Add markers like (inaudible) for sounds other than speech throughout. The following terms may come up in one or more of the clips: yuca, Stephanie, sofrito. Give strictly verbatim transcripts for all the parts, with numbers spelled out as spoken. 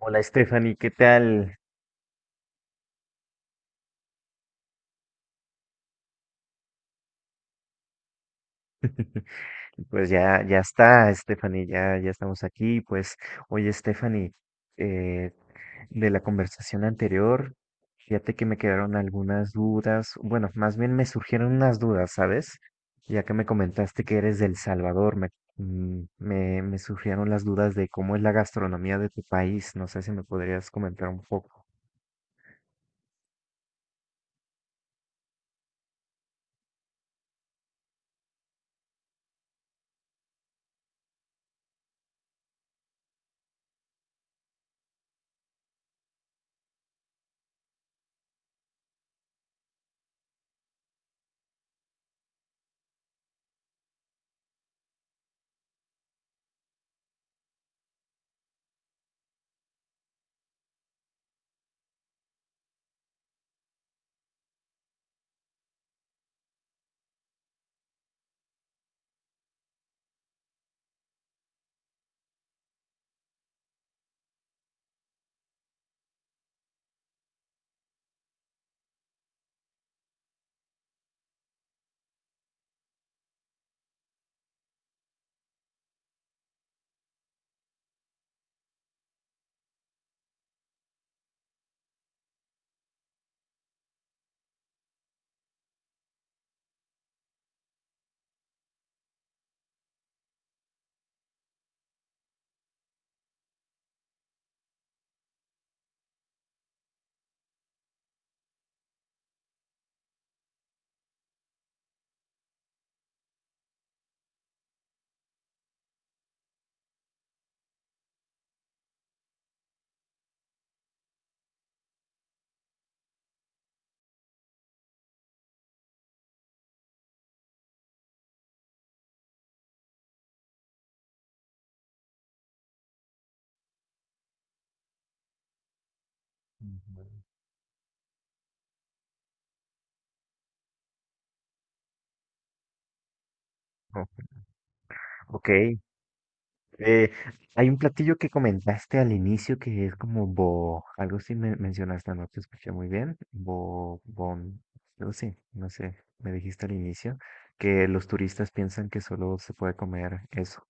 Hola Stephanie, ¿qué tal? (laughs) Pues ya, ya está, Stephanie, ya, ya estamos aquí. Pues, oye Stephanie, eh, de la conversación anterior, fíjate que me quedaron algunas dudas. Bueno, más bien me surgieron unas dudas, ¿sabes? Ya que me comentaste que eres del Salvador, me, mm, me, me surgieron las dudas de cómo es la gastronomía de tu país. No sé si me podrías comentar un poco. Ujú. Oh, ok. Eh, Hay un platillo que comentaste al inicio que es como bo, algo sí me mencionaste, no te escuché muy bien, bo, bon, algo sí, no sé, me dijiste al inicio que los turistas piensan que solo se puede comer eso.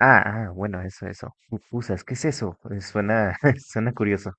Ah, ah, bueno, eso, eso. Pupusas, ¿qué es eso? Eh, Suena, (laughs) suena curioso.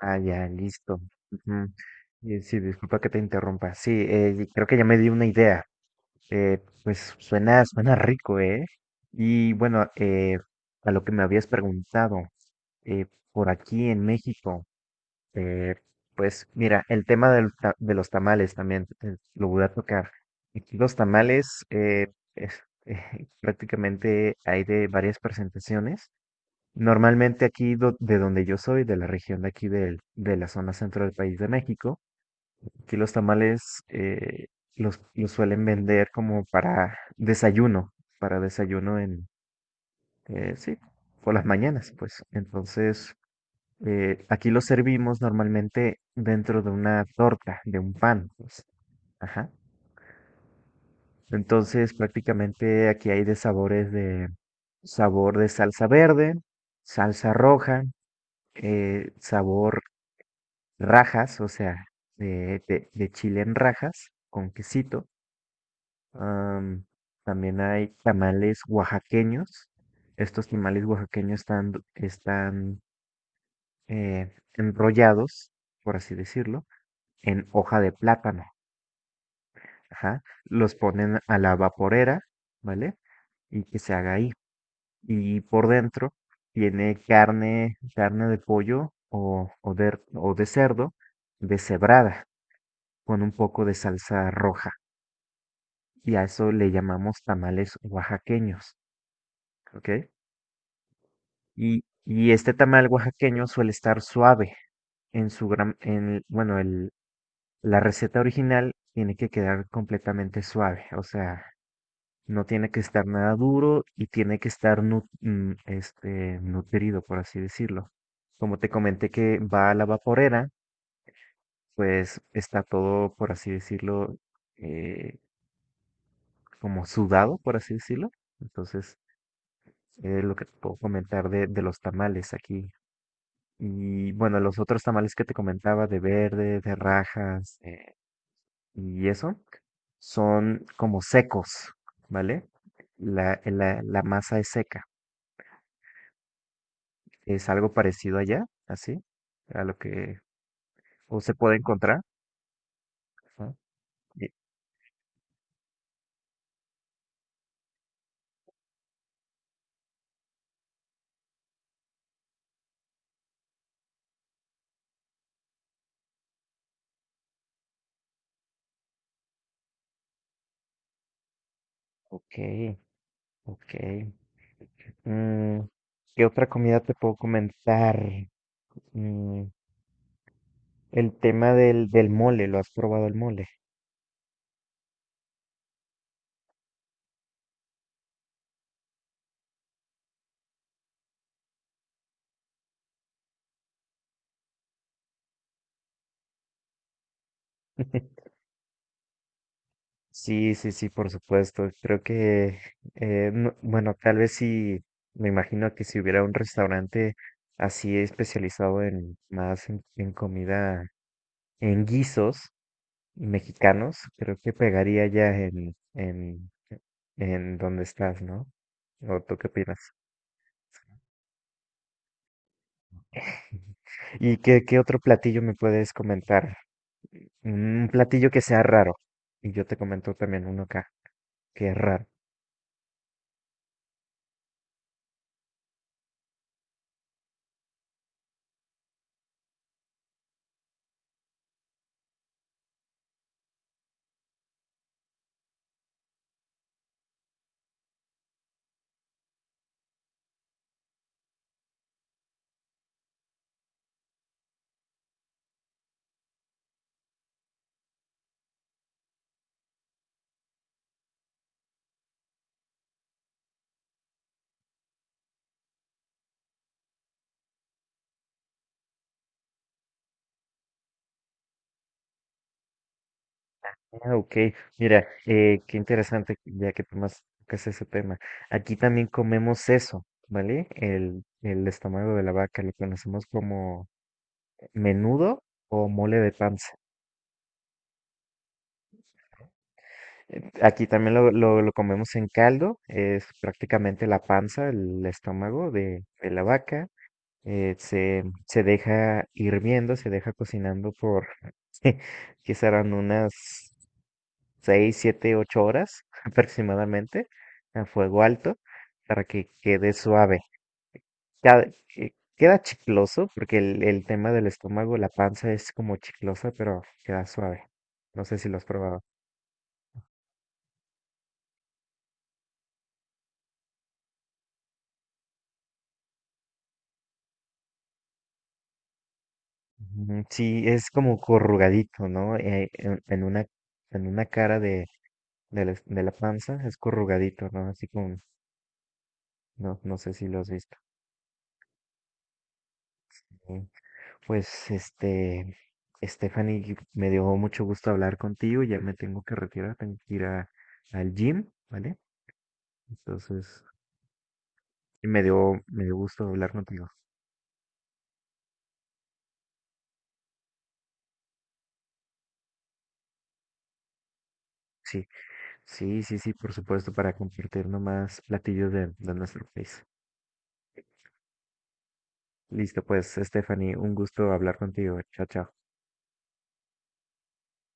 Ah, ya, listo. Ujú. Eh, Sí, disculpa que te interrumpa. Sí, eh, creo que ya me di una idea. Eh, pues suena, suena rico, ¿eh? Y bueno, eh, a lo que me habías preguntado, eh, por aquí en México, eh, pues mira, el tema del ta- de los tamales también eh, lo voy a tocar. Aquí los tamales, eh, es- (laughs) prácticamente hay de varias presentaciones. Normalmente aquí do- de donde yo soy, de la región de aquí del- de la zona centro del país de México. Aquí los tamales eh, los, los suelen vender como para desayuno, para desayuno, en, eh, sí, por las mañanas, pues. Entonces, eh, aquí los servimos normalmente dentro de una torta, de un pan, pues. Ajá. Entonces, prácticamente aquí hay de sabores de sabor de salsa verde, salsa roja, eh, sabor rajas, o sea, de, de de chile en rajas con quesito. Am, También hay tamales oaxaqueños. Estos tamales oaxaqueños están, están eh, enrollados, por así decirlo, en hoja de plátano. Ajá. Los ponen a la vaporera, ¿vale? Y que se haga ahí. Y por dentro tiene carne, carne de pollo o, o de, o de cerdo deshebrada con un poco de salsa roja. Y a eso le llamamos tamales oaxaqueños, ¿ok? Y, y este tamal oaxaqueño suele estar suave en su gran, en, bueno, el, la receta original tiene que quedar completamente suave, o sea, no tiene que estar nada duro y tiene que estar nu- mm, este, nutrido, por así decirlo. Como te comenté que va a la vaporera, pues está todo, por así decirlo, eh, como sudado, por así decirlo. Entonces, es lo que te puedo comentar de, de los tamales aquí. Y bueno, los otros tamales que te comentaba de verde, de rajas eh, y eso, son como secos, ¿vale? La, eh, la, la masa es seca. Es algo parecido allá, así, a lo que o se puede encontrar. Ajá. Eh, Ok, ok. Mm, ¿Qué otra comida te puedo comentar? Mm, el tema del, del mole, ¿lo has probado el mole? (laughs) Sí, sí, sí, por supuesto. Creo que, eh, no- bueno, tal vez sí, me imagino que si hubiera un restaurante así especializado en más en, en comida, en guisos mexicanos, creo que pegaría ya en, en, en donde estás, ¿no? ¿O tú qué opinas? (laughs) ¿Y qué, qué otro platillo me puedes comentar? Un platillo que sea raro. Y yo te comento también uno acá, que es raro. Ah, ok, mira, eh, qué interesante ya que tomas tocas ese tema. Aquí también comemos eso, ¿vale? El, el estómago de la vaca, lo conocemos como menudo o mole de panza. Eh, Aquí también lo, lo, lo comemos en caldo, es prácticamente la panza, el estómago de, de la vaca. eh, se, se deja hirviendo, se deja cocinando por, (laughs) que serán unas seis, siete, ocho horas (laughs) aproximadamente a fuego alto para que quede suave. Ya, que- queda chicloso porque el, el tema del estómago, la panza es como chiclosa, pero queda suave. No sé si lo has probado. Ujú, sí, es como corrugadito, ¿no? Eh, en, en, una, en una cara de, de la, de la panza es corrugadito, ¿no? Así como, no, no sé si lo has visto. Pues este, Stephanie, me dio mucho gusto hablar contigo. Ya me tengo que retirar, tengo que ir a- al gym, ¿vale? Entonces, y me dio, me dio gusto hablar contigo. Sí, sí, sí, sí, por supuesto, para compartirnos más platillos de, de nuestro país. Listo, pues, Stephanie, un gusto hablar contigo. Chao, chao.